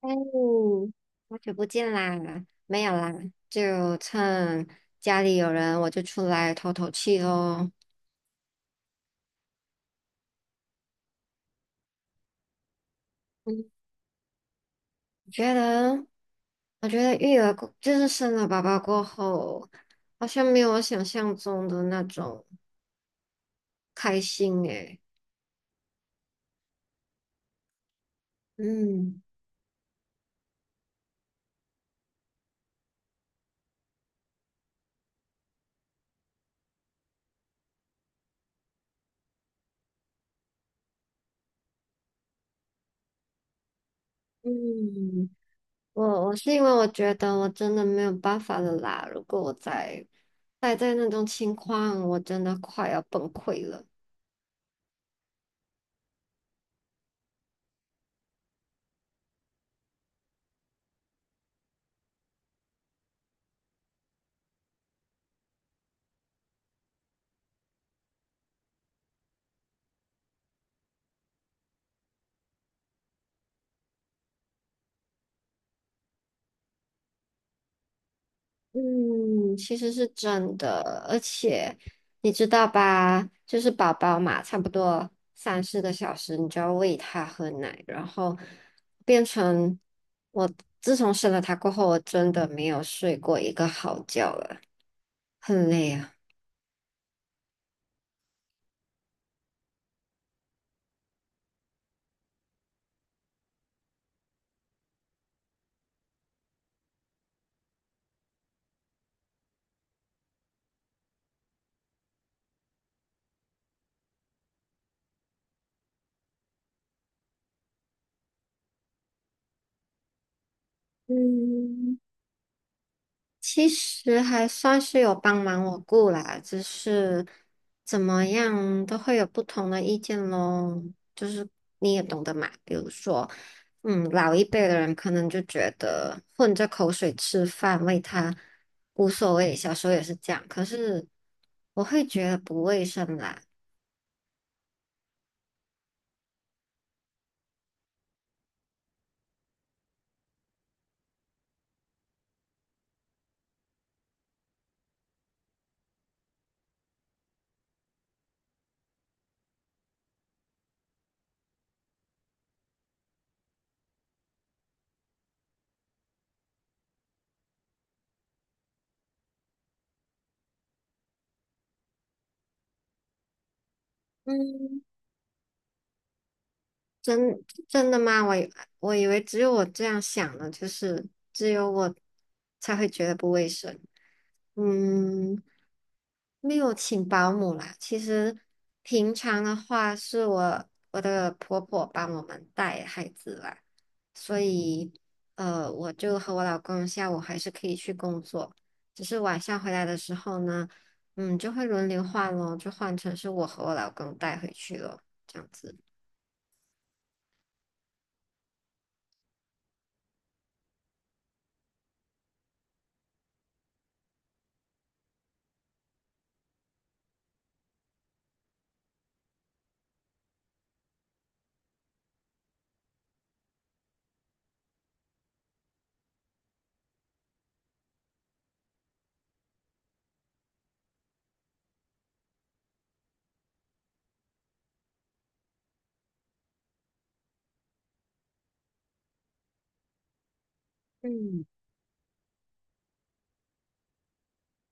嗯，好久不见啦，没有啦，就趁家里有人，我就出来透透气喽。嗯，我觉得，我觉得育儿过，就是生了宝宝过后，好像没有我想象中的那种开心诶。嗯嗯，我是因为我觉得我真的没有办法了啦，如果我再待在那种情况，我真的快要崩溃了。嗯，其实是真的，而且你知道吧，就是宝宝嘛，差不多三四个小时，你就要喂他喝奶，然后变成我自从生了他过后，我真的没有睡过一个好觉了，很累啊。嗯。其实还算是有帮忙我顾啦，只是怎么样都会有不同的意见咯。就是你也懂得嘛，比如说，老一辈的人可能就觉得混着口水吃饭，为他无所谓，小时候也是这样。可是我会觉得不卫生啦。嗯，真真的吗？我以为只有我这样想呢，就是只有我才会觉得不卫生。嗯，没有请保姆啦。其实平常的话，是我的婆婆帮我们带孩子啦，所以我就和我老公下午还是可以去工作，只是晚上回来的时候呢，就会轮流换咯，就换成是我和我老公带回去咯，这样子。嗯。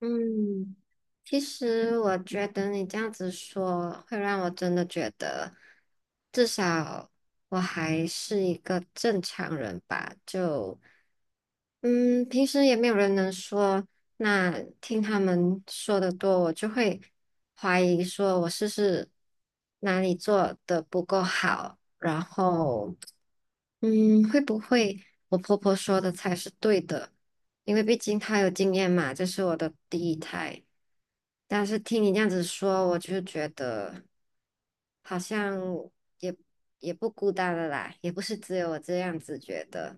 嗯，其实我觉得你这样子说，会让我真的觉得，至少我还是一个正常人吧。就，嗯，平时也没有人能说，那听他们说的多，我就会怀疑说我是不是哪里做的不够好，然后，会不会我婆婆说的才是对的？因为毕竟他有经验嘛，这是我的第一胎。但是听你这样子说，我就觉得好像也也不孤单了啦，也不是只有我这样子觉得。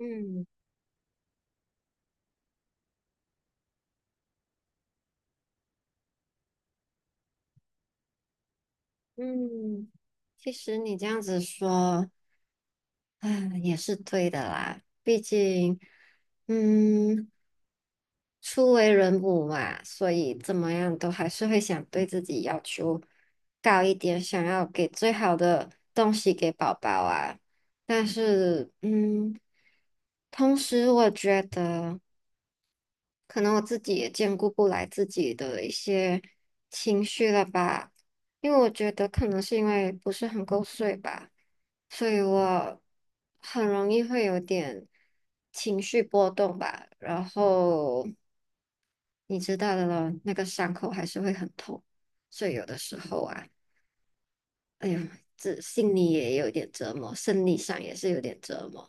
嗯嗯，其实你这样子说，嗯，也是对的啦，毕竟，嗯，初为人母嘛，所以怎么样都还是会想对自己要求高一点，想要给最好的东西给宝宝啊。但是，同时我觉得。可能我自己也兼顾不来自己的一些情绪了吧，因为我觉得可能是因为不是很够睡吧，所以我很容易会有点情绪波动吧，然后你知道的了，那个伤口还是会很痛，所以有的时候啊，哎呦，这心里也有点折磨，生理上也是有点折磨。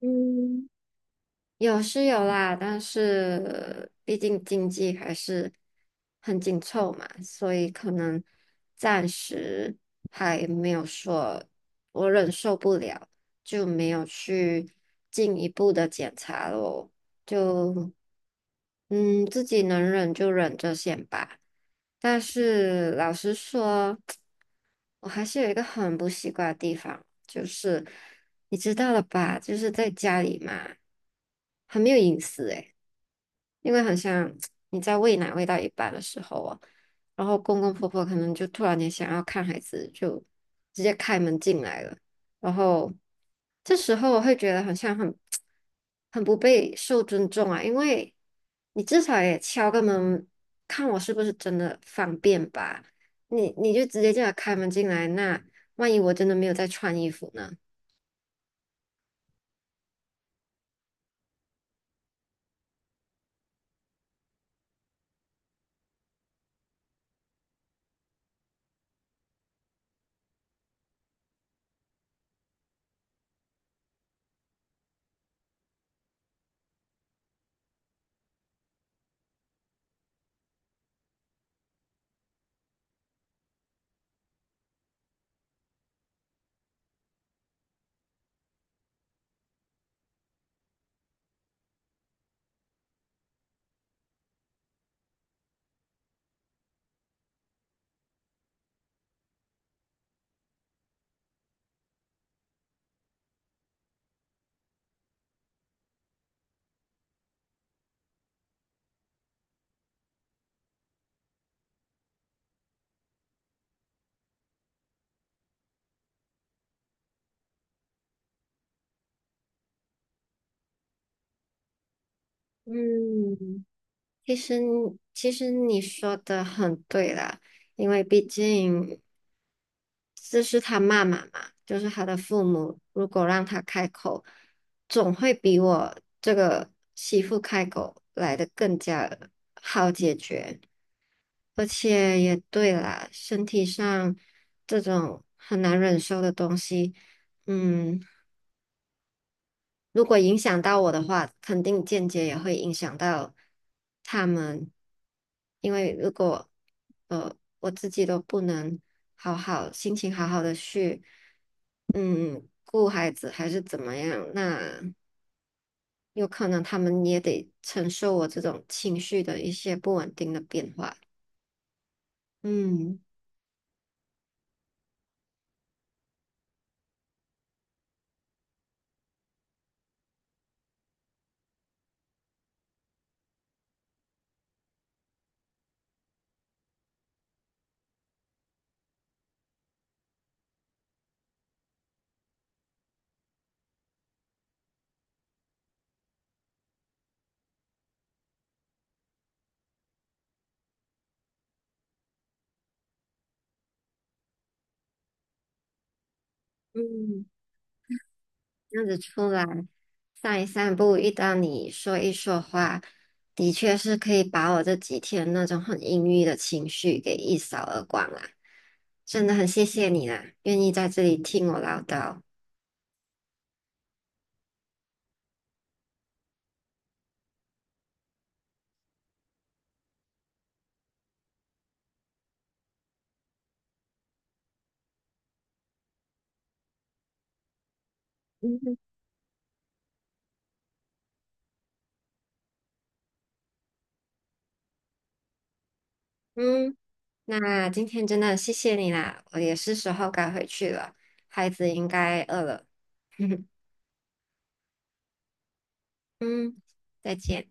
嗯，有是有啦，但是毕竟经济还是很紧凑嘛，所以可能暂时还没有说我忍受不了，就没有去进一步的检查咯。就自己能忍就忍着先吧。但是老实说，我还是有一个很不习惯的地方，就是。你知道了吧？就是在家里嘛，很没有隐私诶，因为好像 你在喂奶喂到一半的时候哦，然后公公婆婆可能就突然间想要看孩子，就直接开门进来了，然后这时候我会觉得好像很 很不被受尊重啊，因为你至少也敲个门，看我是不是真的方便吧？你就直接这样开门进来，那万一我真的没有在穿衣服呢？嗯，其实其实你说的很对啦，因为毕竟这是他妈妈嘛，就是他的父母，如果让他开口，总会比我这个媳妇开口来的更加好解决，而且也对啦，身体上这种很难忍受的东西，嗯。如果影响到我的话，肯定间接也会影响到他们，因为如果呃我自己都不能好好心情好好的去顾孩子还是怎么样，那有可能他们也得承受我这种情绪的一些不稳定的变化。嗯。嗯。这样子出来散一散步，遇到你说一说话，的确是可以把我这几天那种很阴郁的情绪给一扫而光啦。真的很谢谢你啦，愿意在这里听我唠叨。嗯哼嗯，那今天真的谢谢你啦，我也是时候该回去了，孩子应该饿了。嗯，再见。